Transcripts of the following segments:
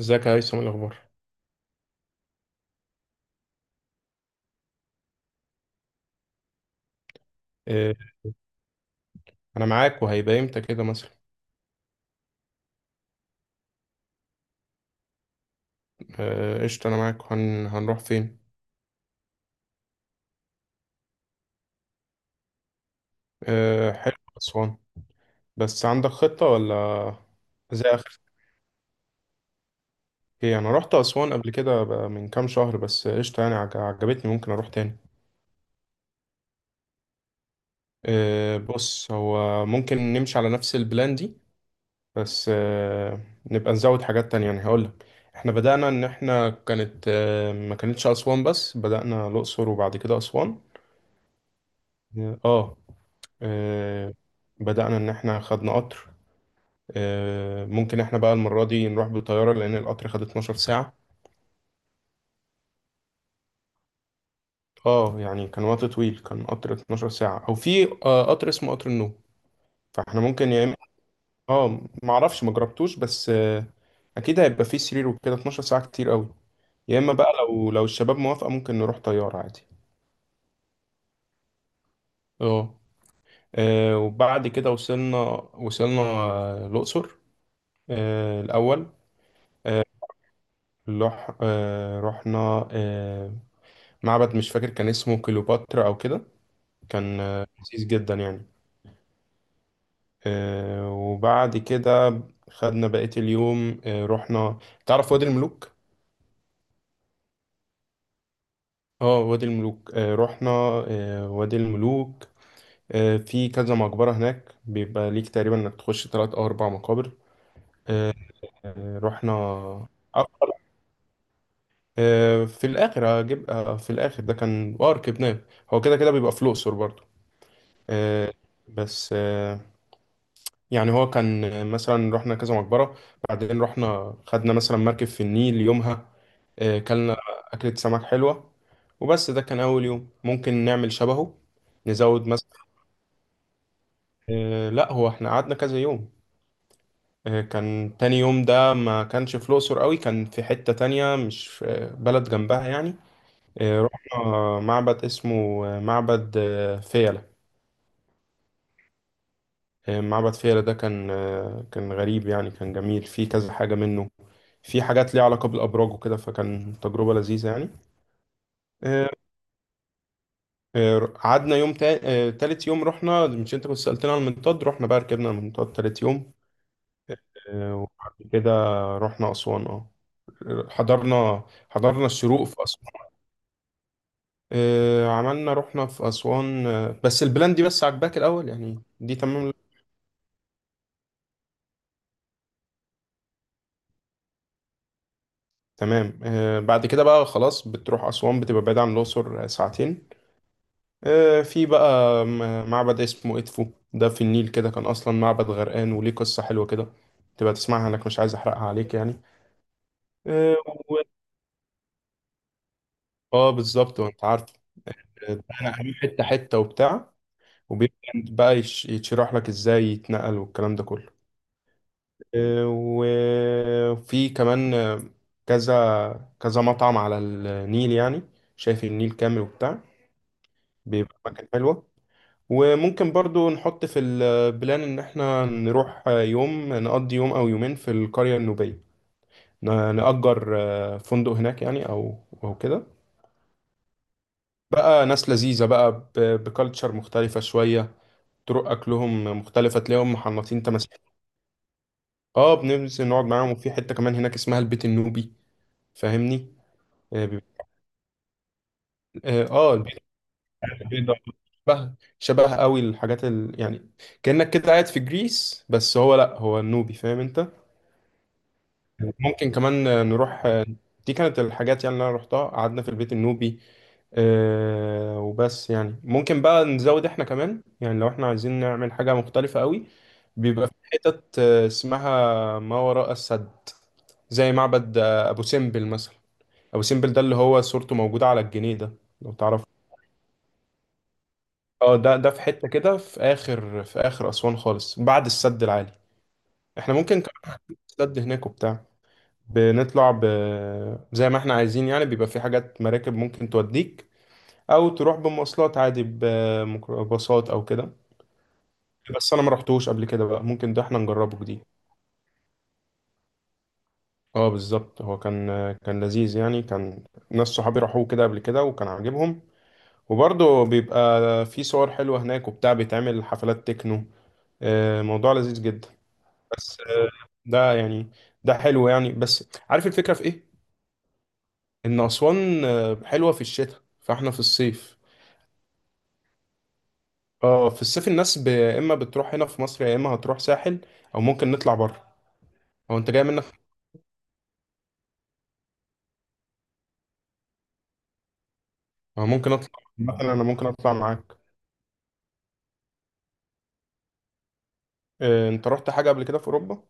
ازيك يا هيثم، إيه الاخبار؟ إيه، انا معاك، وهيبقى امتى كده مثلا؟ قشطه، انا معاك. هنروح فين؟ حلو اسوان. بس عندك خطه ولا؟ زي اخر. ايه، انا رحت اسوان قبل كده بقى من كام شهر، بس قشطه يعني، عجبتني، ممكن اروح تاني. بص، هو ممكن نمشي على نفس البلان دي. بس، نبقى نزود حاجات تانية. يعني هقول لك، احنا بدأنا ان احنا كانت، ما كانتش اسوان بس، بدأنا الاقصر وبعد كده اسوان. إيه، اه. آه، بدأنا إن إحنا خدنا قطر. ممكن إحنا بقى المرة دي نروح بالطيارة، لأن القطر خد 12 ساعة. يعني كان وقت طويل، كان قطر 12 ساعة، أو في قطر اسمه قطر النوم. فإحنا ممكن، يا إما معرفش مجربتوش، بس، أكيد هيبقى فيه سرير وكده، 12 ساعة كتير قوي. يا إما بقى، لو الشباب موافقة، ممكن نروح طيارة عادي. آه. وبعد كده وصلنا الأقصر الأول. آه، رحنا معبد، مش فاكر كان اسمه كليوباترا او كده. كان لذيذ جدا يعني. وبعد كده خدنا بقية اليوم، رحنا. تعرف وادي الملوك؟ اه، وادي الملوك. رحنا وادي الملوك. في كذا مقبرة هناك، بيبقى ليك تقريبا انك تخش تلات او اربع مقابر. رحنا أكتر. في الاخر هجيب، في الاخر ده كان ركبناه. هو كده كده بيبقى في الاقصر برضه. آه، بس آه، يعني هو كان مثلا رحنا كذا مقبرة، بعدين رحنا خدنا مثلا مركب في النيل يومها، كلنا أكلة سمك حلوة. وبس ده كان أول يوم، ممكن نعمل شبهه. نزود مثلا. لا، هو احنا قعدنا كذا يوم. كان تاني يوم ده ما كانش في الأقصر قوي، كان في حتة تانية، مش في، بلد جنبها يعني. رحنا معبد اسمه، معبد فيلة. معبد فيلة ده كان، كان غريب يعني، كان جميل، فيه كذا حاجة منه، في حاجات ليها علاقة بالأبراج وكده، فكان تجربة لذيذة يعني. آه، قعدنا يوم تالت يوم رحنا. مش انت كنت سألتنا على المنطاد؟ رحنا بقى، ركبنا المنطاد تالت يوم. وبعد كده رحنا أسوان. اه حضرنا، حضرنا الشروق في أسوان. عملنا، رحنا في أسوان. بس البلان دي، بس عجباك الأول يعني؟ دي تمام. تمام. بعد كده بقى، خلاص، بتروح أسوان بتبقى بعيد عن الأقصر ساعتين. في بقى معبد اسمه إدفو، ده في النيل كده، كان أصلا معبد غرقان وليه قصة حلوة كده. تبقى تسمعها لك، مش عايز أحرقها عليك يعني. آه. و... آه، بالظبط، وأنت عارف. آه، أنا هروح حتة حتة وبتاع، وبيبدأ بقى يشرح لك إزاي يتنقل والكلام ده كله. وفي كمان كذا كذا مطعم على النيل يعني، شايف النيل كامل وبتاع، بيبقى مكان حلوة. وممكن برضو نحط في البلان إن إحنا نروح يوم، نقضي يوم أو يومين في القرية النوبية، نأجر فندق هناك يعني، أو أو كده. بقى ناس لذيذة بقى، بكالتشر مختلفة شوية، طرق أكلهم مختلفة، تلاقيهم محنطين تماسيح. اه، بننزل نقعد معاهم، وفي حتة كمان هناك اسمها البيت النوبي، فاهمني؟ اه، البيت البيضاء. شبه شبه قوي الحاجات يعني كأنك كده قاعد في جريس، بس هو لأ، هو النوبي، فاهم انت. ممكن كمان نروح. دي كانت الحاجات يعني اللي انا رحتها، قعدنا في البيت النوبي. وبس يعني. ممكن بقى نزود احنا كمان يعني، لو احنا عايزين نعمل حاجة مختلفة قوي، بيبقى في حتت اسمها ما وراء السد، زي معبد ابو سمبل مثلا. ابو سمبل ده اللي هو صورته موجودة على الجنيه ده، لو تعرف. اه، ده في حتة كده، في اخر اسوان خالص، بعد السد العالي. احنا ممكن كمان السد هناك وبتاع، بنطلع زي ما احنا عايزين يعني. بيبقى في حاجات مراكب ممكن توديك، او تروح بمواصلات عادي بميكروباصات او كده. بس انا ما رحتوش قبل كده بقى، ممكن ده احنا نجربه جديد. اه، بالظبط، هو كان لذيذ يعني، كان ناس صحابي راحوه كده قبل كده وكان عاجبهم. وبرضه بيبقى في صور حلوة هناك وبتاع، بيتعمل حفلات تكنو. موضوع لذيذ جدا. بس، ده يعني، ده حلو يعني. بس عارف الفكرة في ايه؟ ان اسوان حلوة في الشتاء، فاحنا في الصيف. اه، في الصيف الناس اما بتروح هنا في مصر، يا اما هتروح ساحل، او ممكن نطلع بره، او انت جاي منك. أو ممكن اطلع، مثلا انا ممكن اطلع معاك. إيه، انت رحت حاجه قبل كده في اوروبا؟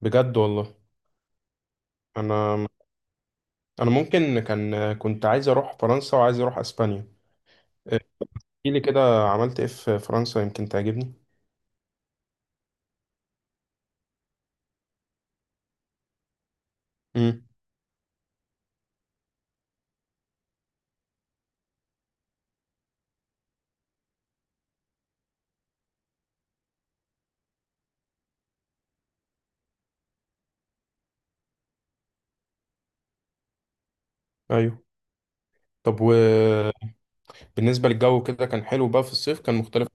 بجد والله. انا، انا ممكن كان كنت عايز اروح فرنسا وعايز اروح اسبانيا. إيه، احكي لي كده، عملت ايه في فرنسا يمكن تعجبني. امم. ايوه، طب وبالنسبه للجو كده، كان حلو بقى في الصيف؟ كان مختلف؟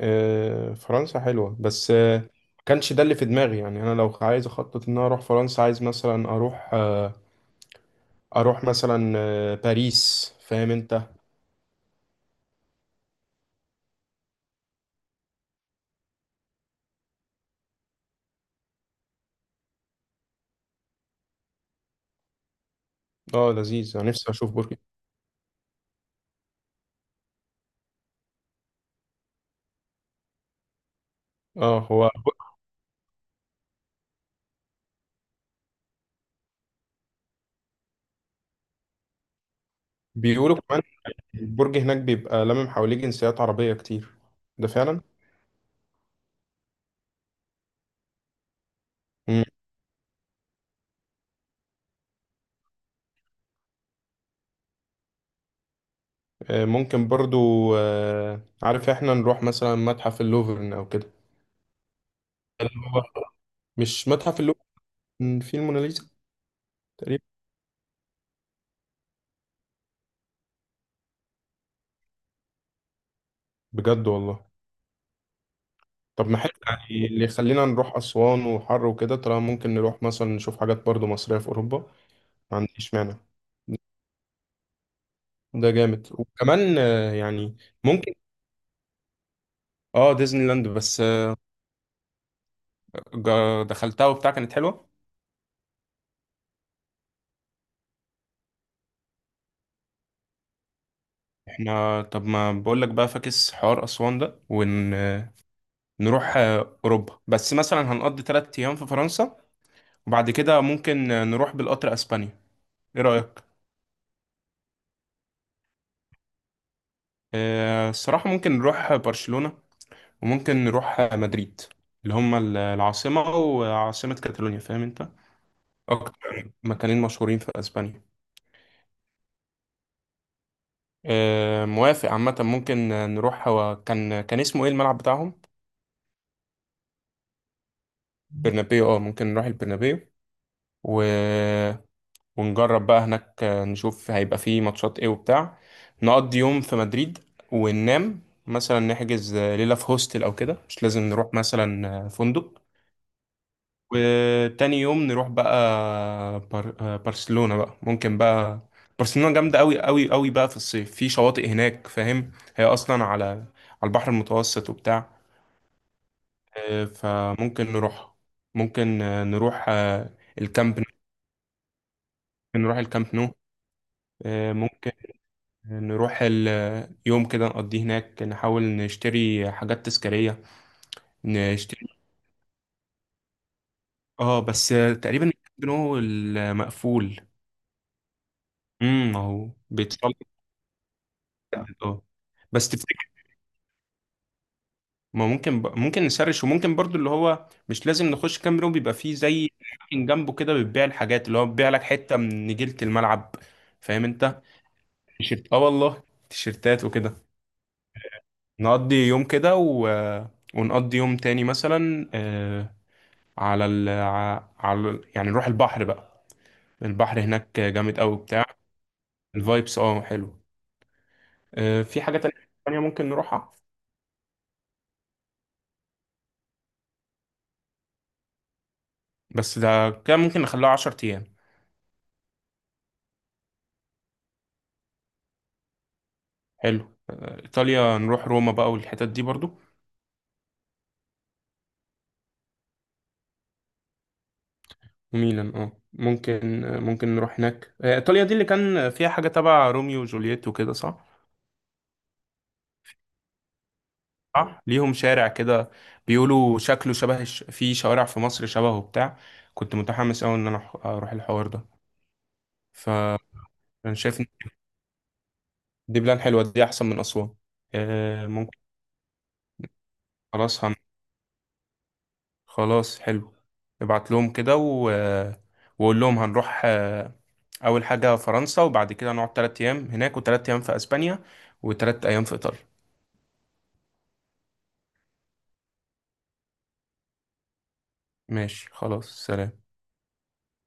فرنسا حلوة، بس ما كانش ده اللي في دماغي يعني. أنا لو عايز أخطط إن أنا أروح فرنسا، عايز مثلا أروح، أروح مثلا باريس، فاهم أنت؟ أه، لذيذ، أنا نفسي أشوف برج. أه، هو بيقولوا كمان البرج هناك بيبقى لامم حواليه جنسيات عربية كتير. ده فعلا؟ مم. ممكن برضو. عارف إحنا نروح مثلا متحف اللوفر أو كده، اللي هو، مش متحف اللوفر، في الموناليزا، تقريبا. بجد والله. طب ما حلو يعني، اللي يخلينا نروح أسوان وحر وكده، طالما ممكن نروح مثلا نشوف حاجات برضو مصرية في أوروبا، ما عنديش مانع. ده جامد، وكمان يعني ممكن. اه، ديزني لاند، بس دخلتها وبتاع، كانت حلوة. احنا، طب ما بقولك بقى، فاكس حوار أسوان ده ونروح أوروبا. بس مثلا هنقضي 3 أيام في فرنسا، وبعد كده ممكن نروح بالقطر أسبانيا، ايه رأيك؟ الصراحة ممكن نروح برشلونة، وممكن نروح مدريد، اللي هم العاصمة وعاصمة كاتالونيا، فاهم انت. أكتر مكانين مشهورين في أسبانيا. موافق. عامة ممكن نروح، هو كان اسمه ايه الملعب بتاعهم؟ برنابيو. اه، ممكن نروح البرنابيو و... ونجرب بقى هناك، نشوف هيبقى فيه ماتشات ايه وبتاع. نقضي يوم في مدريد وننام، مثلا نحجز ليلة في هوستل أو كده، مش لازم نروح مثلا فندق. وتاني يوم نروح بقى بر... آه، برشلونة بقى. ممكن بقى، برشلونة جامدة قوي قوي قوي بقى في الصيف، في شواطئ هناك، فاهم هي أصلا على البحر المتوسط وبتاع. فممكن نروح، ممكن نروح الكامب نو. ممكن نروح الكامب نو. ممكن نروح يوم كده نقضيه هناك، نحاول نشتري حاجات تذكارية، نشتري. اه بس، تقريبا الكامب نو المقفول. اهو بيتصل. اه بس تفتكر، ما ممكن ممكن نسرش. وممكن برضو اللي هو مش لازم نخش كام روم، بيبقى فيه زي أماكن جنبه كده بتبيع الحاجات، اللي هو بيبيع لك حتة من نجيلة الملعب، فاهم انت. تيشيرت، اه والله، تيشيرتات وكده. نقضي يوم كده ونقضي يوم تاني مثلا، على ال... ع- على ال- يعني نروح البحر بقى. البحر هناك جامد قوي بتاع، الفايبس، اه حلو. في حاجة تانية ممكن نروحها، بس ده كده ممكن نخليها 10 أيام. حلو. ايطاليا نروح روما بقى، والحتت دي برضو، وميلان. اه، ممكن نروح هناك. ايطاليا دي اللي كان فيها حاجة تبع روميو وجولييت وكده، صح؟ صح، ليهم شارع كده، بيقولوا شكله شبه في شوارع في مصر شبهه بتاع. كنت متحمس قوي ان انا اروح الحوار ده. فانا شايف إن دي بلان حلوة، دي احسن من اسوان. ممكن. خلاص، خلاص حلو. ابعت لهم كده وقول لهم هنروح، اول حاجه فرنسا، وبعد كده نقعد 3 ايام هناك، و3 ايام في اسبانيا، و3 ايام في ايطاليا. ماشي، خلاص، سلام.